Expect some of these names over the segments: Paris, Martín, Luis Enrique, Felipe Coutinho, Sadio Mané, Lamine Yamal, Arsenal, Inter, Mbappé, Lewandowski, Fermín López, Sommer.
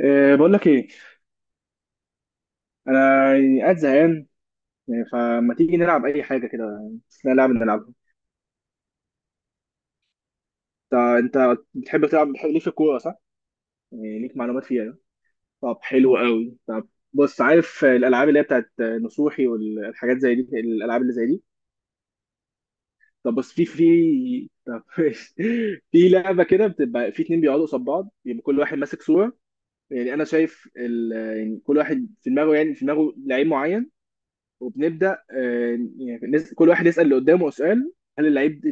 أه بقول لك ايه. انا يعني قاعد زهقان، يعني فما تيجي نلعب اي حاجه كده. لا لعبه نلعبها. انت بتحب تلعب، بتحب ليك في الكوره صح؟ يعني ليك معلومات فيها يعني. طب حلو قوي. طب بص، عارف الالعاب اللي هي بتاعت نصوحي والحاجات زي دي، الالعاب اللي زي دي؟ طب بص، في طب في لعبه كده بتبقى في اتنين بيقعدوا قصاد بعض، يبقى كل واحد ماسك صوره. يعني انا شايف يعني كل واحد في دماغه، يعني في دماغه لعيب معين. وبنبدا كل واحد يسال اللي قدامه سؤال: هل اللعيب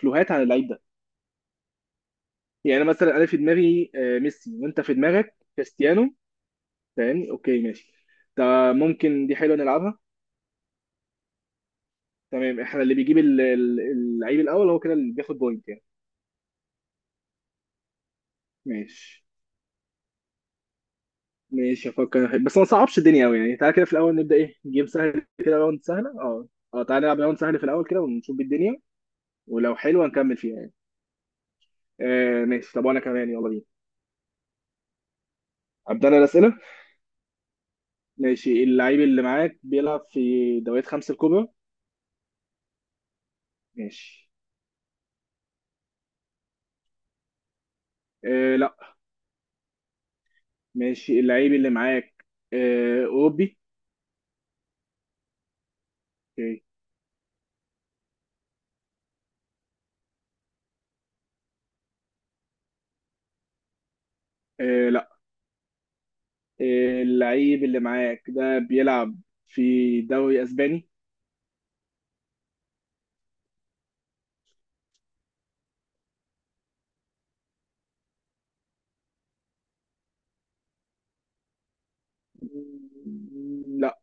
كلوهات على اللعيب ده؟ يعني أنا مثلا انا في دماغي ميسي، وانت في دماغك كريستيانو. فاهمني؟ اوكي ماشي. ده ممكن، دي حلوه نلعبها. تمام، احنا اللي بيجيب اللعيب الاول هو كده اللي بياخد بوينت يعني. ماشي. افكر، بس ما صعبش الدنيا قوي يعني. تعالى كده في الاول نبدا ايه، جيم سهل كده، راوند سهله اه. اه تعالى نلعب راوند سهل في الاول كده ونشوف الدنيا. ولو حلوه نكمل فيها يعني. آه ماشي، طب وانا كمان، يلا بينا. ابدا انا الاسئله. ماشي، اللعيب اللي معاك بيلعب في دوريات خمسة الكبرى؟ ماشي. آه لا. ماشي، اللعيب اللي معاك أوروبي؟ اوكي. آه لا. آه اللعيب اللي معاك ده بيلعب في دوري أسباني؟ لا.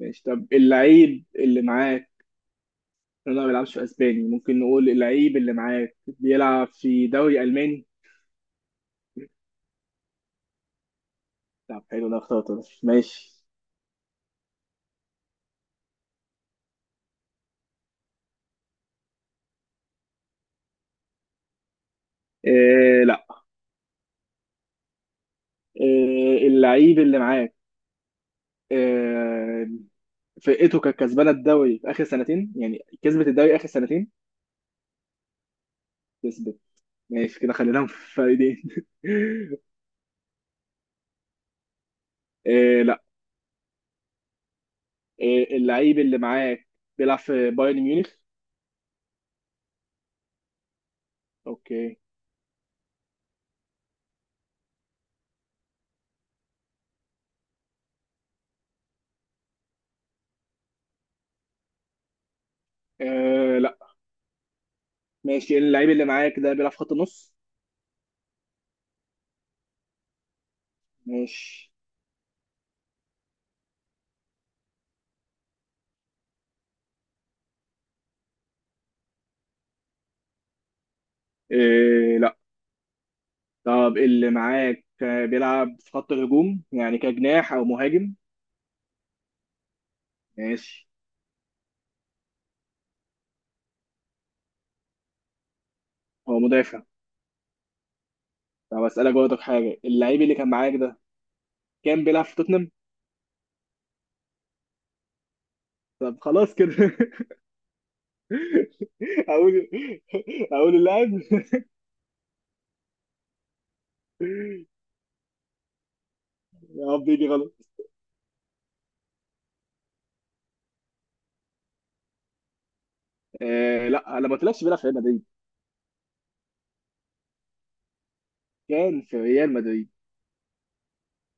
ماشي طب اللعيب اللي معاك، لا ما بيلعبش في أسباني، ممكن نقول اللعيب اللي معاك بيلعب في دوري ألماني؟ طب حلو، ده اخترته ده. ماشي. آه لا. آه اللعيب اللي معاك آه، فرقته كانت كسبانه الدوري في اخر سنتين، يعني كسبت الدوري اخر سنتين؟ كسبت. ماشي كده خليناهم في فريقين. إيه لا. إيه اللعيب اللي معاك بيلعب في بايرن ميونخ؟ اوكي. إيه لا. ماشي، اللعيب اللي معاك ده بيلعب في خط النص؟ ماشي. إيه لا. طب اللي معاك بيلعب في خط الهجوم، يعني كجناح او مهاجم؟ ماشي. هو مدافع. طب اسالك برضك حاجه، اللعيب اللي كان معاك ده كان بيلعب في توتنهام؟ طب خلاص كده. اقول. اللاعب. اه بيجي غلط. آه لا، انا ما قلتلكش بيلعب في ريال مدريد. كان في ريال مدريد.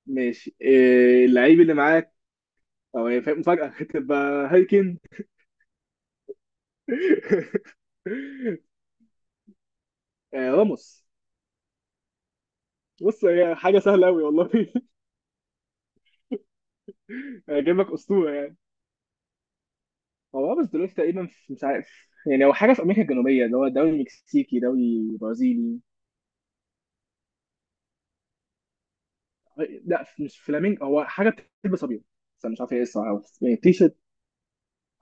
ماشي. آه اللعيب اللي معاك، مفاجأة تبقى هايكن. آه راموس. بص هي حاجة سهلة أوي والله. هجيب لك أسطورة يعني. هو راموس دلوقتي تقريبا مش عارف يعني، هو حاجة في أمريكا الجنوبية، اللي هو دوري مكسيكي، دوري برازيلي. لا مش فلامينج، هو حاجة بتلبس أبيض، بس أنا مش عارف هي إيه الصراحة، بس يعني تي.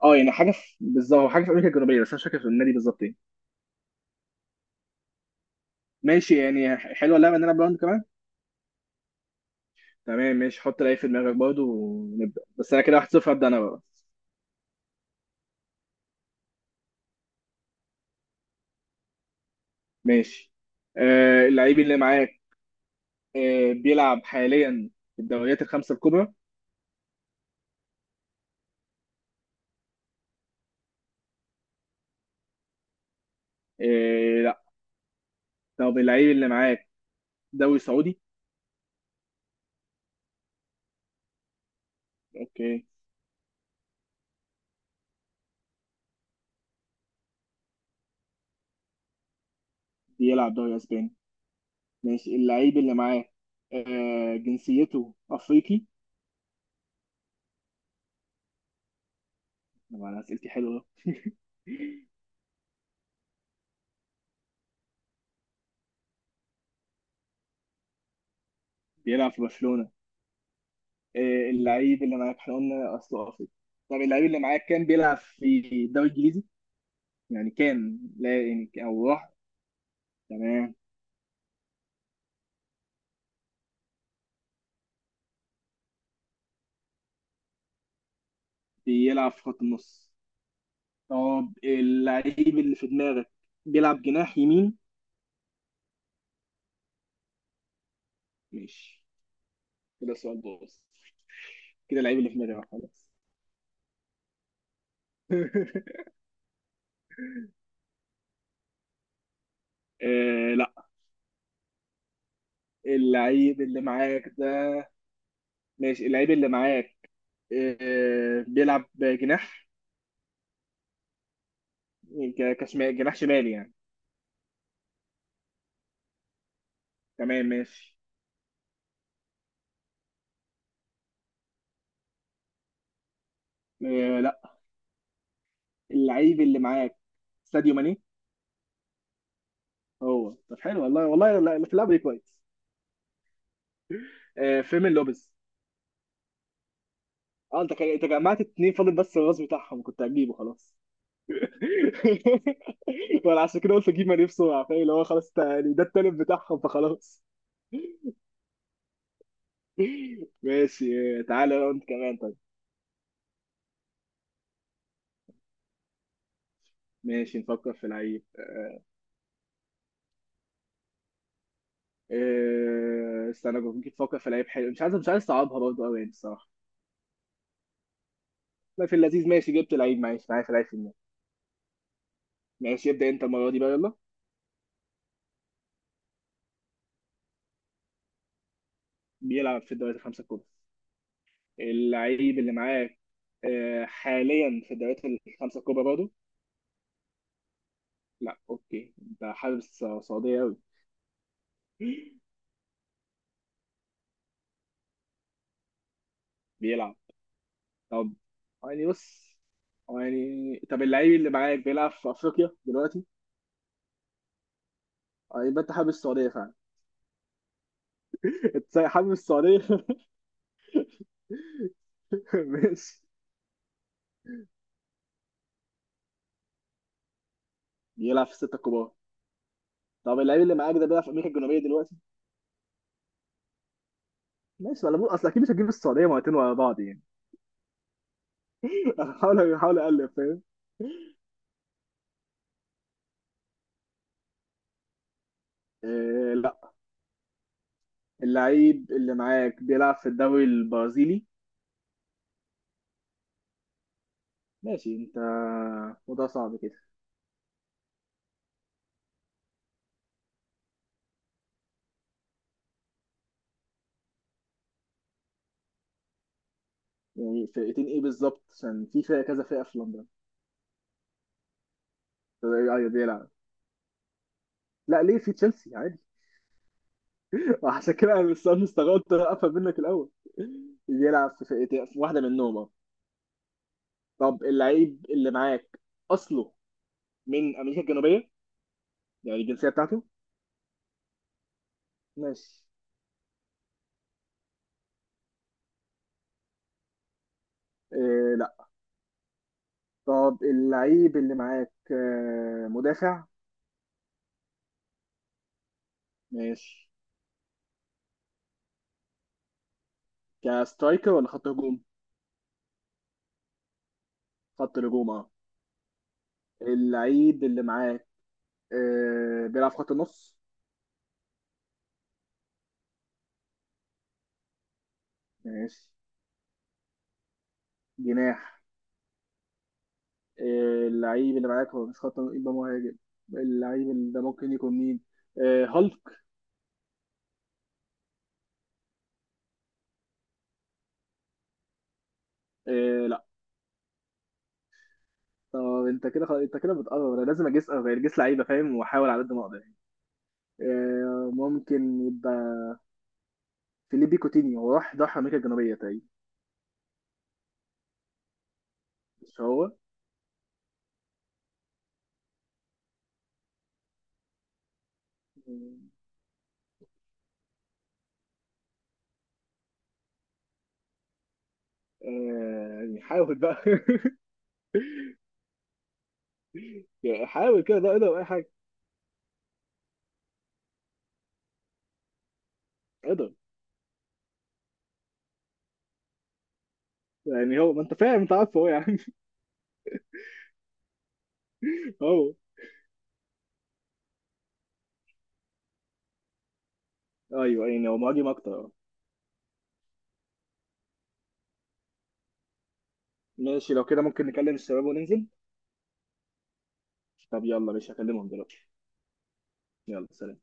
اه يعني حاجه في بالظبط، هو حاجه في امريكا الجنوبيه، بس انا مش فاكر في النادي بالظبط ايه. ماشي يعني، حلوه اللعبه ان انا براوند كمان. تمام ماشي، حط لعيب في دماغك برضه ونبدا. بس انا كده 1-0. هبدا انا بقى. ماشي. آه اللعيب اللي معاك آه بيلعب حاليا في الدوريات الخمسه الكبرى؟ آه لا. طب اللعيب اللي معاك دوري سعودي؟ اوكي. بيلعب دوري اسباني. ماشي، اللعيب اللي معاك جنسيته افريقي؟ طبعا اسئلتي حلوه. بيلعب في برشلونه. اللعيب اللي معاك احنا قلنا اصله افريقي. طب اللعيب اللي معاك كان بيلعب في الدوري الانجليزي، يعني كان، لا يعني او راح؟ تمام. بيلعب في خط النص. طب اللعيب اللي في دماغك بيلعب جناح يمين؟ ماشي. كده سؤال بص، كده اللعيب اللي في دماغي راح خلاص. آه لا. اللعيب اللي معاك ده. ماشي اللعيب اللي معاك بيلعب جناح؟ يعني كشمال، جناح شمال يعني. تمام ماشي. آه، اللعيب اللي معاك ساديو ماني؟ هو. طب حلو والله. والله في اللعبه دي كويس. آه فيرمين لوبيز. اه انت انت جمعت اتنين، فاضل بس الراس بتاعهم، كنت هتجيبه خلاص. ولا عشان كده قلت اجيب ماني بسرعه، فاهم؟ اللي هو خلاص يعني ده التالت بتاعهم فخلاص. ماشي. تعالى لو انت كمان طيب. ماشي نفكر في لعيب. استنى، ممكن تفكر في لعيب حلو، مش عايز مش عايز صعبها برضه قوي يعني الصراحه. ما في اللذيذ ماشي، جبت لعيب، معلش معايا في لعيب في النادي. ماشي ابدا انت المره دي بقى، يلا. بيلعب في الدوري الخمسه الكبرى. اللعيب اللي معاك حاليا في الدوريات الخمسة الكبرى برضه؟ لا اوكي. ده حارس سعودي أوي. بيلعب. طب يعني بص، يعني طب اللعيب اللي معاك بيلعب في افريقيا دلوقتي؟ يبقى انت حابب السعودية فعلا. انت حابب السعودية. ماشي. بيلعب في الستة الكبار. طب اللعيب اللي معاك ده بيلعب في امريكا الجنوبية دلوقتي؟ ماشي، ولا بقول اصل اكيد مش هتجيب السعودية مرتين ورا بعض يعني. حاول حاول اقلب فاهم. لا. اللعيب اللي معاك بيلعب في الدوري البرازيلي. ماشي انت. وده صعب كده. يعني فرقتين ايه بالظبط، عشان في فرقه كذا فرقه في لندن. طب ايه، ايوه بيلعب. لا ليه، في تشيلسي عادي. عشان كده انا مستغربت افهم منك الاول. بيلعب في فرقتين، في واحده منهم اه. طب اللعيب اللي معاك اصله من امريكا الجنوبيه، يعني الجنسيه بتاعته. ماشي. إيه لا. طب اللعيب اللي معاك مدافع؟ ماشي. كسترايكر ولا خط هجوم؟ خط هجوم اه. اللعيب اللي معاك بيلعب في خط النص؟ ماشي. جناح. اللعيب اللي معاك هو مش خط نص، يبقى مهاجم. اللعيب اللي ده ممكن يكون مين؟ هالك. لا. طب انت كده انت كده بتقرب، انا لازم اجيس غير جيس لعيبه فاهم، واحاول على قد ما اقدر يعني. ممكن يبقى فيليبي كوتينيو، هو راح ضحى امريكا الجنوبيه تقريبا. مش هو. يعني حاول بقى. يعني حاول كده، ده اقدر اي حاجه. اقدر. يعني هو، ما انت فاهم، انت عارف هو يعني. هو ايوه يعني هو مهاجم اكتر. ماشي لو كده، ممكن نكلم الشباب وننزل. طب يلا ماشي، هكلمهم دلوقتي. يلا سلام.